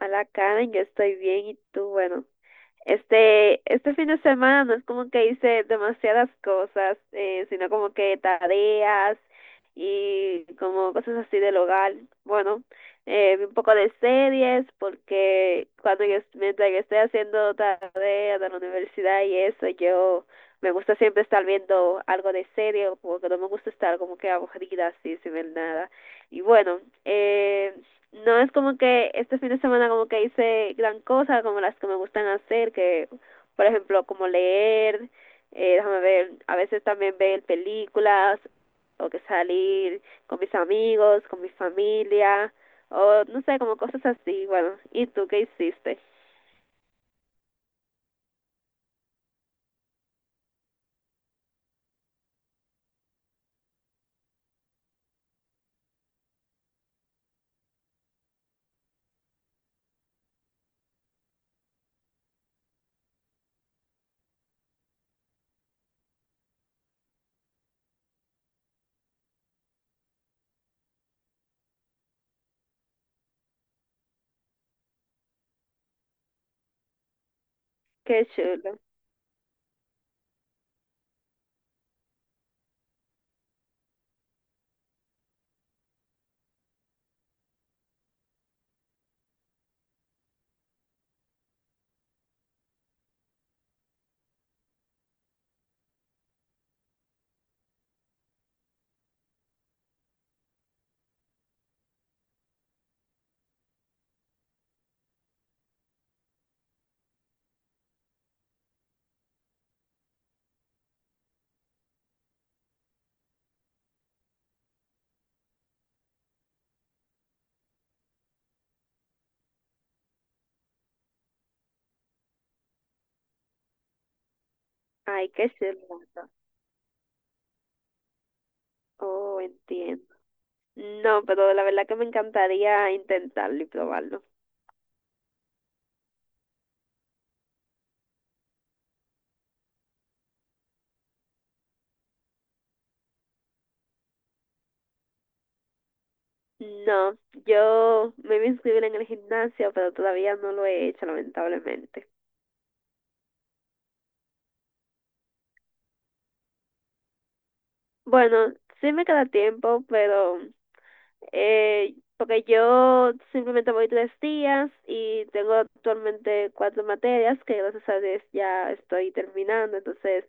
Hola Karen, yo estoy bien, ¿y tú? Bueno, este fin de semana no es como que hice demasiadas cosas, sino como que tareas y como cosas así del hogar. Bueno, vi un poco de series porque mientras yo estoy haciendo tareas de la universidad y eso, yo me gusta siempre estar viendo algo de serie porque no me gusta estar como que aburrida así sin ver nada. Y bueno, no es como que este fin de semana como que hice gran cosa, como las que me gustan hacer, que por ejemplo como leer, déjame ver, a veces también ver películas, o que salir con mis amigos, con mi familia, o no sé, como cosas así. Bueno, ¿y tú qué hiciste? Qué chulo. Ay, qué chulo. Oh, entiendo. No, pero la verdad que me encantaría intentarlo y probarlo. No, yo me voy a inscribir en el gimnasio, pero todavía no lo he hecho, lamentablemente. Bueno, sí me queda tiempo, pero porque yo simplemente voy tres días y tengo actualmente cuatro materias que, gracias a Dios, ya estoy terminando. Entonces,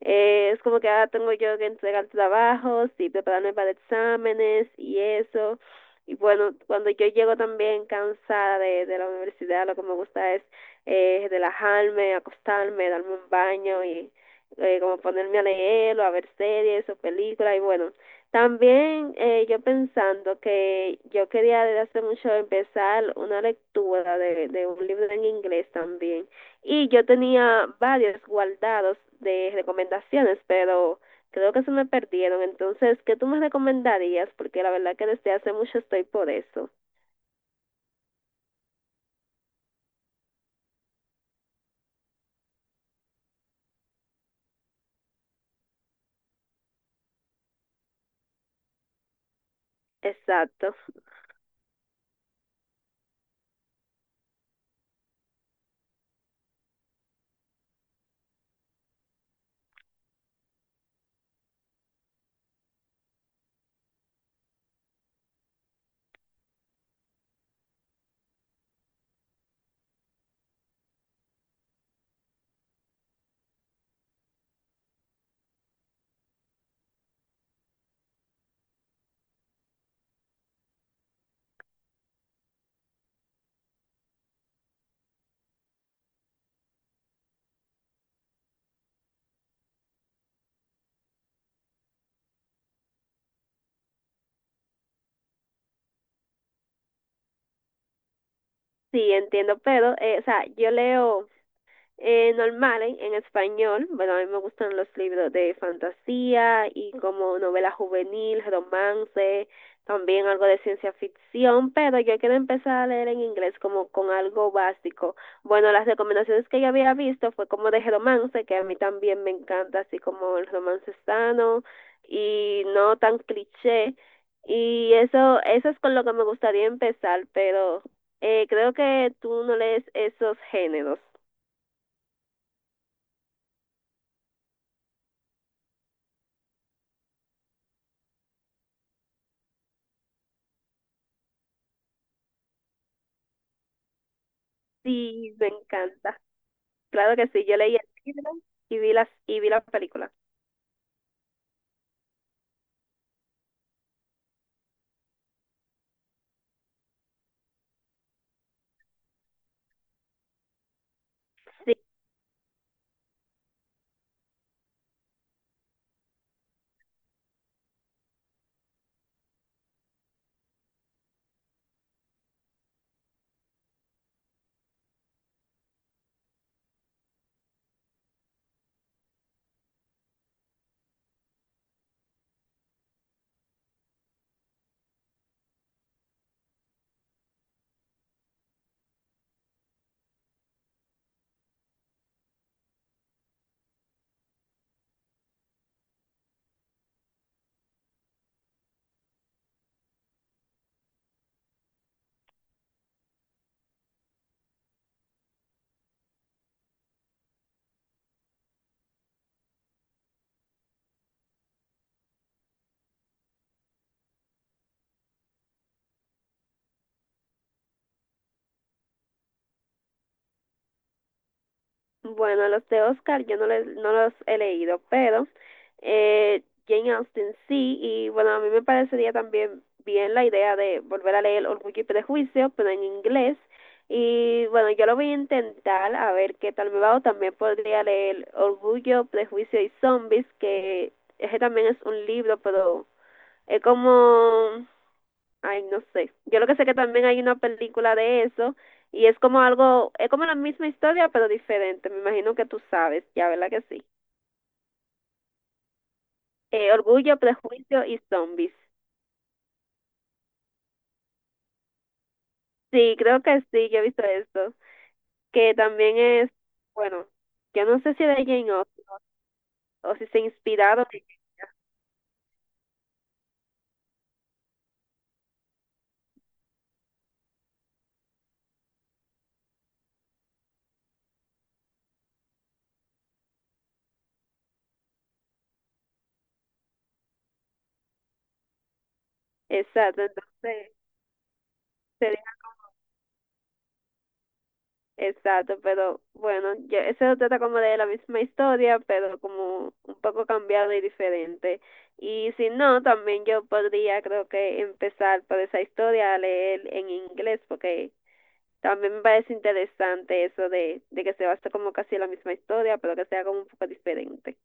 es como que ahora tengo yo que entregar trabajos y prepararme para exámenes y eso. Y bueno, cuando yo llego también cansada de la universidad, lo que me gusta es relajarme, acostarme, darme un baño y como ponerme a leer o a ver series o películas. Y bueno, también yo pensando que yo quería desde hace mucho empezar una lectura de un libro en inglés también. Y yo tenía varios guardados de recomendaciones, pero creo que se me perdieron. Entonces, ¿qué tú me recomendarías? Porque la verdad que desde hace mucho estoy por eso. Exacto. Sí, entiendo, pero, o sea, yo leo normales en español. Bueno, a mí me gustan los libros de fantasía y como novela juvenil, romance, también algo de ciencia ficción, pero yo quiero empezar a leer en inglés como con algo básico. Bueno, las recomendaciones que yo había visto fue como de romance, que a mí también me encanta, así como el romance sano y no tan cliché. Y eso es con lo que me gustaría empezar, pero creo que tú no lees esos géneros. Sí, me encanta. Claro que sí, yo leí el libro y vi las y vi la película. Sí, bueno, los de Oscar yo no los he leído, pero eh, Jane Austen sí. Y bueno, a mí me parecería también bien la idea de volver a leer Orgullo y Prejuicio, pero en inglés. Y bueno, yo lo voy a intentar a ver qué tal me va, o también podría leer Orgullo, Prejuicio y Zombies, que ese también es un libro, pero es como... Ay, no sé. Yo lo que sé que también hay una película de eso y es como algo, es como la misma historia pero diferente. Me imagino que tú sabes ya, ¿verdad que sí? Orgullo, Prejuicio y Zombies. Sí, creo que sí, yo he visto esto. Que también es, bueno, yo no sé si de Jane Austen o si se inspiraron. Exacto, entonces... Exacto, pero bueno, eso se trata como de la misma historia, pero como un poco cambiado y diferente. Y si no, también yo podría, creo que, empezar por esa historia a leer en inglés, porque también me parece interesante eso de que se basa como casi la misma historia, pero que sea como un poco diferente.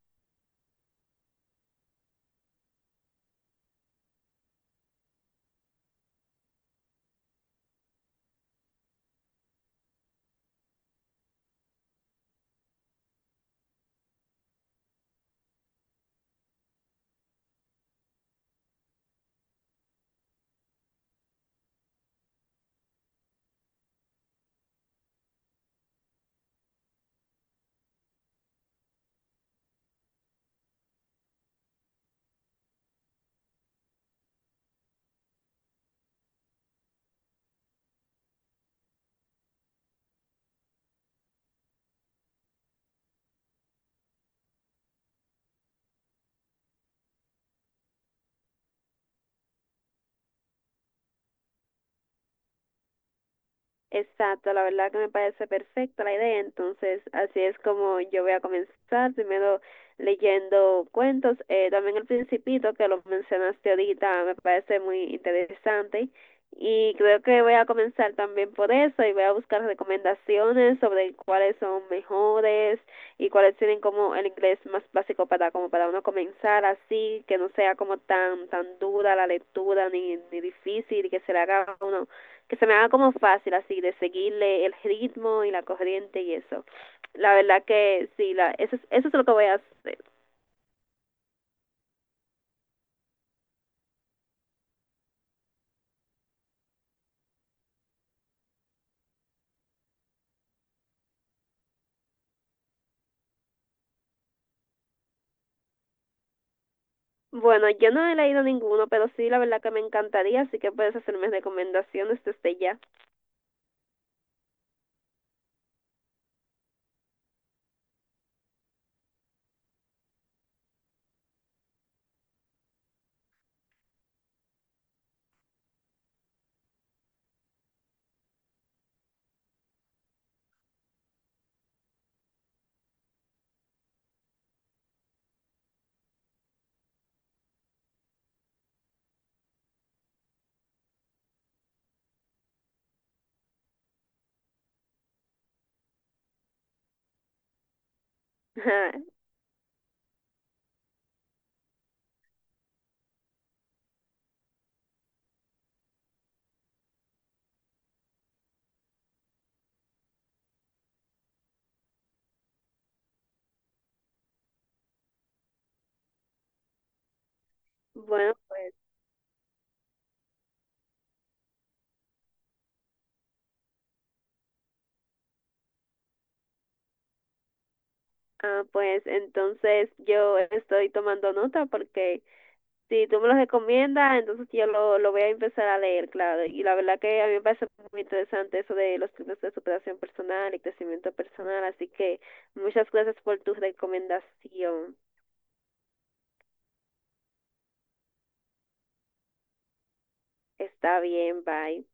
Exacto, la verdad que me parece perfecta la idea, entonces así es como yo voy a comenzar, primero leyendo cuentos, también El Principito, que lo mencionaste ahorita, me parece muy interesante y creo que voy a comenzar también por eso. Y voy a buscar recomendaciones sobre cuáles son mejores y cuáles tienen como el inglés más básico para como para uno comenzar así, que no sea como tan tan dura la lectura ni difícil y que se le haga a uno, que se me haga como fácil así de seguirle el ritmo y la corriente y eso. La verdad que sí, eso es lo que voy a hacer. Bueno, yo no he leído ninguno, pero sí, la verdad que me encantaría, así que puedes hacerme recomendaciones desde ya. Bueno, pues... Ah, pues entonces yo estoy tomando nota porque... Si tú me los recomiendas, entonces yo lo voy a empezar a leer, claro. Y la verdad que a mí me parece muy interesante eso de los libros de superación personal y crecimiento personal. Así que muchas gracias por tu recomendación. Está bien, bye.